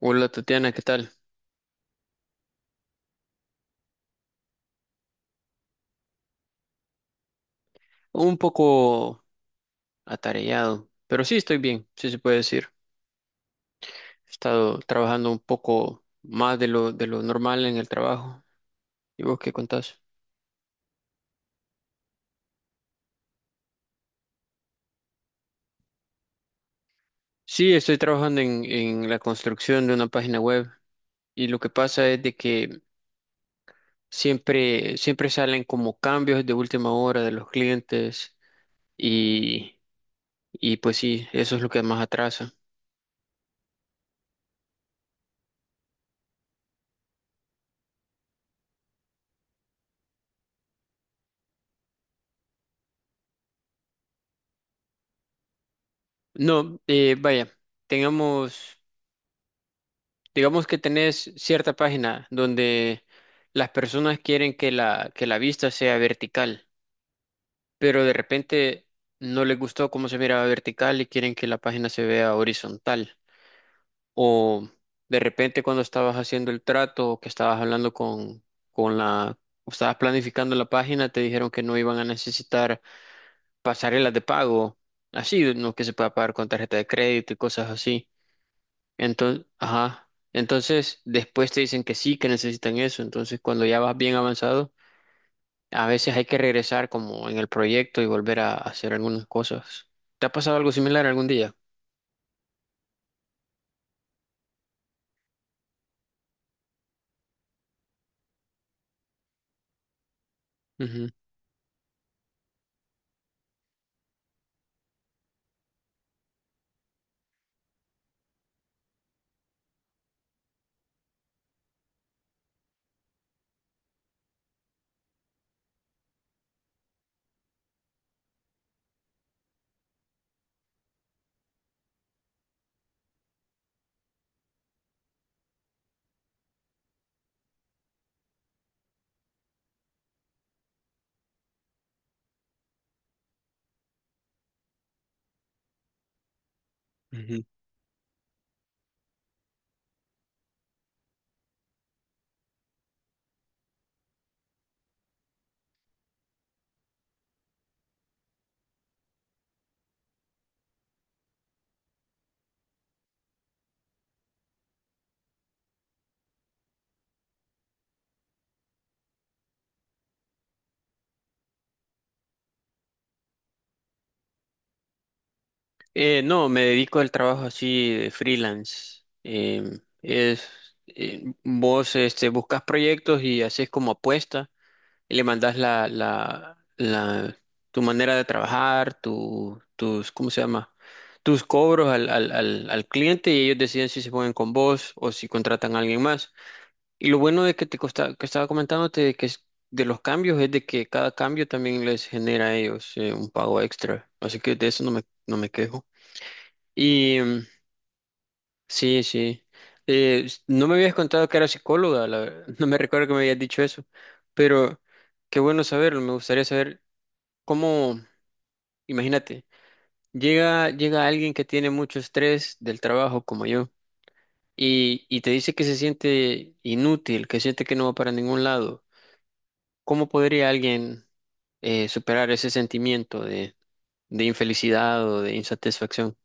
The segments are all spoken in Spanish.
Hola Tatiana, ¿qué tal? Un poco atareado, pero sí estoy bien, sí se puede decir. He estado trabajando un poco más de de lo normal en el trabajo. ¿Y vos qué contás? Sí, estoy trabajando en la construcción de una página web y lo que pasa es de que siempre salen como cambios de última hora de los clientes y, y pues sí, eso es lo que más atrasa. No, vaya, tengamos... Digamos que tenés cierta página donde las personas quieren que que la vista sea vertical, pero de repente no les gustó cómo se miraba vertical y quieren que la página se vea horizontal. O de repente cuando estabas haciendo el trato o que estabas hablando con la, o estabas planificando la página, te dijeron que no iban a necesitar pasarelas de pago, así, no que se pueda pagar con tarjeta de crédito y cosas así. Entonces, ajá. Entonces, después te dicen que sí, que necesitan eso. Entonces, cuando ya vas bien avanzado, a veces hay que regresar como en el proyecto y volver a hacer algunas cosas. ¿Te ha pasado algo similar algún día? Ujú, ujú. No, me dedico al trabajo así de freelance. Vos este, buscas proyectos y haces como apuesta y le mandas tu manera de trabajar, tus, ¿cómo se llama? Tus cobros al cliente y ellos deciden si se ponen con vos o si contratan a alguien más. Y lo bueno de que que estaba comentándote de que es de los cambios es de que cada cambio también les genera a ellos un pago extra. Así que de eso no me quejo. Y sí, sí. No me habías contado que era psicóloga, no me recuerdo que me habías dicho eso, pero qué bueno saberlo, me gustaría saber. ¿Cómo? Imagínate, llega alguien que tiene mucho estrés del trabajo como yo y te dice que se siente inútil, que siente que no va para ningún lado. ¿Cómo podría alguien superar ese sentimiento de infelicidad o de insatisfacción?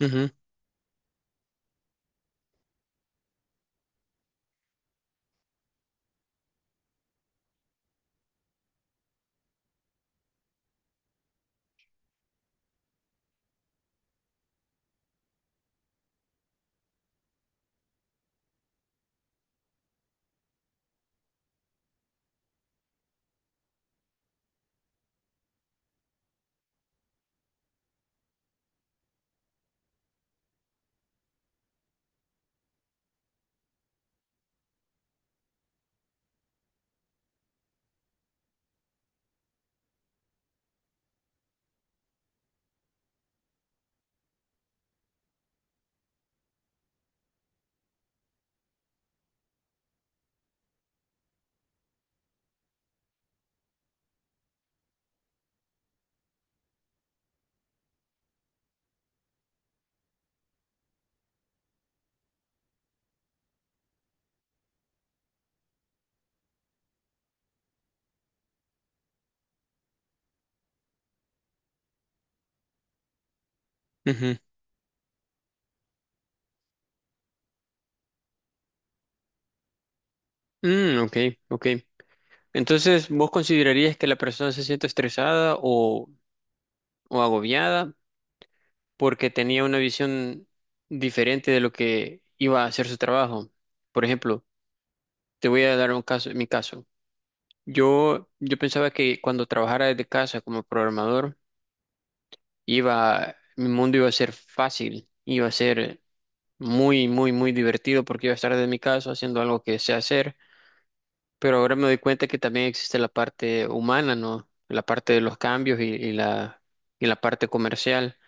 Ujú, ujú. Mm, ok, ok. Entonces, ¿vos considerarías que la persona se siente o agobiada porque tenía una visión diferente de lo que iba a hacer su trabajo? Por ejemplo, te voy a dar un caso, mi caso. Yo pensaba que cuando trabajara desde casa como programador, mi mundo iba a ser fácil, iba a ser muy divertido porque iba a estar desde mi casa haciendo algo que sé hacer, pero ahora me doy cuenta que también existe la parte humana, ¿no? La parte de los cambios y la parte comercial,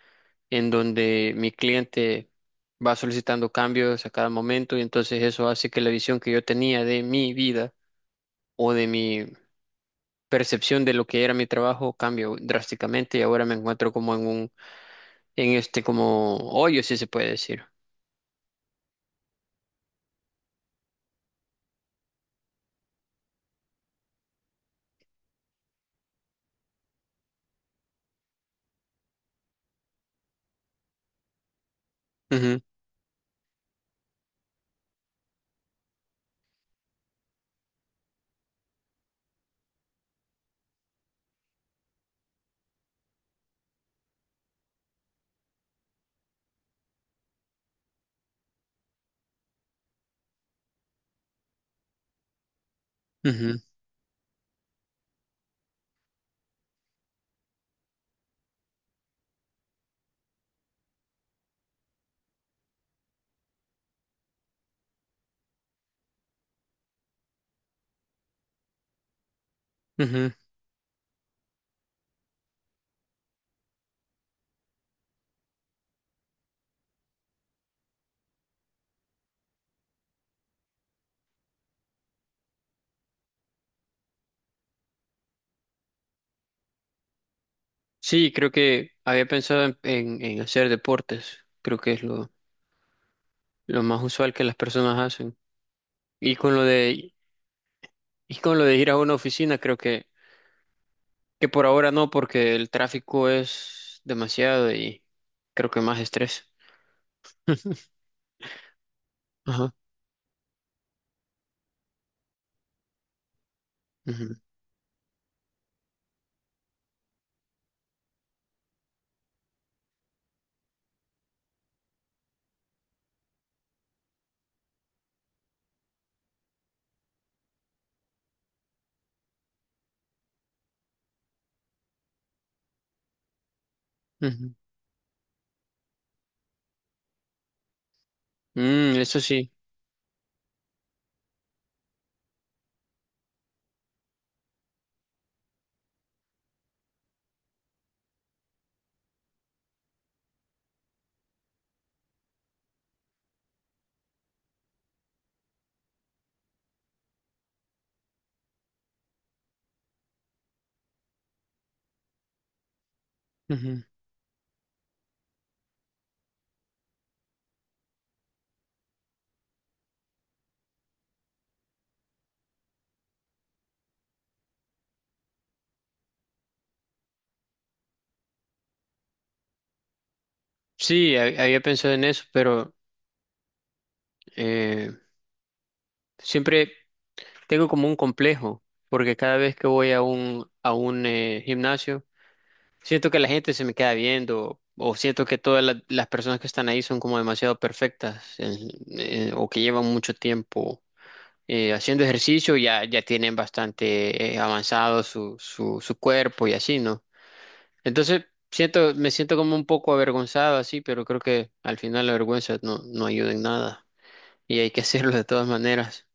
en donde mi cliente va solicitando cambios a cada momento y entonces eso hace que la visión que yo tenía de mi vida o de mi percepción de lo que era mi trabajo cambió drásticamente y ahora me encuentro como en este como hoyo, si se puede decir. Ujú, ujú, ujú. Sí, creo que había pensado en hacer deportes. Creo que es lo más usual que las personas hacen. Y con y con lo de ir a una oficina, creo que por ahora no, porque el tráfico es demasiado y creo que más estrés. Ajá. Ujú, ujú. Mm, eso sí. Ujú. Había pensado en eso, pero eh, siempre tengo como un complejo, porque cada vez que voy a a un gimnasio, siento que la gente se me queda viendo o siento que las personas que están ahí son como demasiado perfectas o que llevan mucho tiempo haciendo ejercicio, ya tienen bastante avanzado su cuerpo y así, ¿no? Entonces, me siento como un poco avergonzado así, pero creo que al final la vergüenza no ayuda en nada y hay que hacerlo de todas maneras.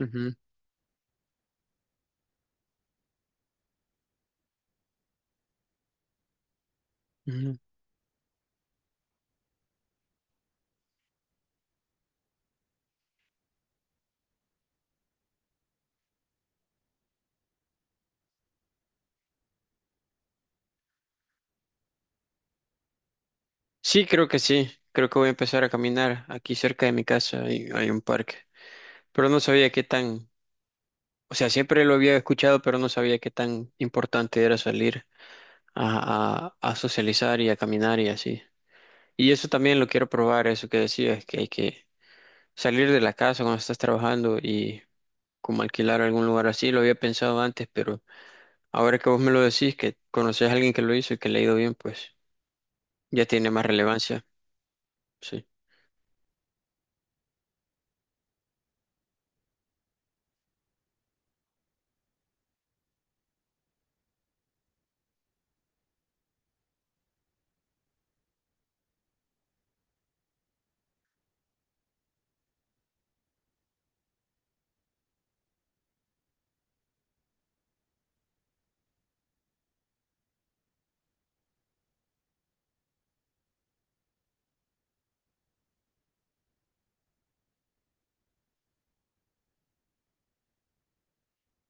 Ujú, ujú. Sí. Creo que voy a empezar a caminar aquí cerca de mi casa. Hay un parque. Pero no sabía qué tan, o sea, siempre lo había escuchado, pero no sabía qué tan importante era salir a socializar y a caminar y así. Y eso también lo quiero probar, eso que decías, que hay que salir de la casa cuando estás trabajando y como alquilar algún lugar así. Lo había pensado antes, pero ahora que vos me lo decís, que conoces a alguien que lo hizo y que le ha ido bien, pues ya tiene más relevancia. Sí.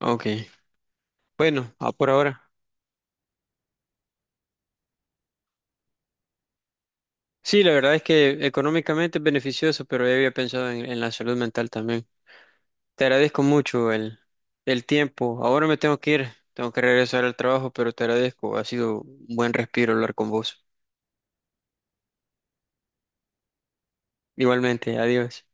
Ok. Bueno, a por ahora. Sí, la verdad es que económicamente es beneficioso, pero ya había pensado en la salud mental también. Te agradezco mucho el tiempo. Ahora me tengo que ir, tengo que regresar al trabajo, pero te agradezco. Ha sido un buen respiro hablar con vos. Igualmente, adiós.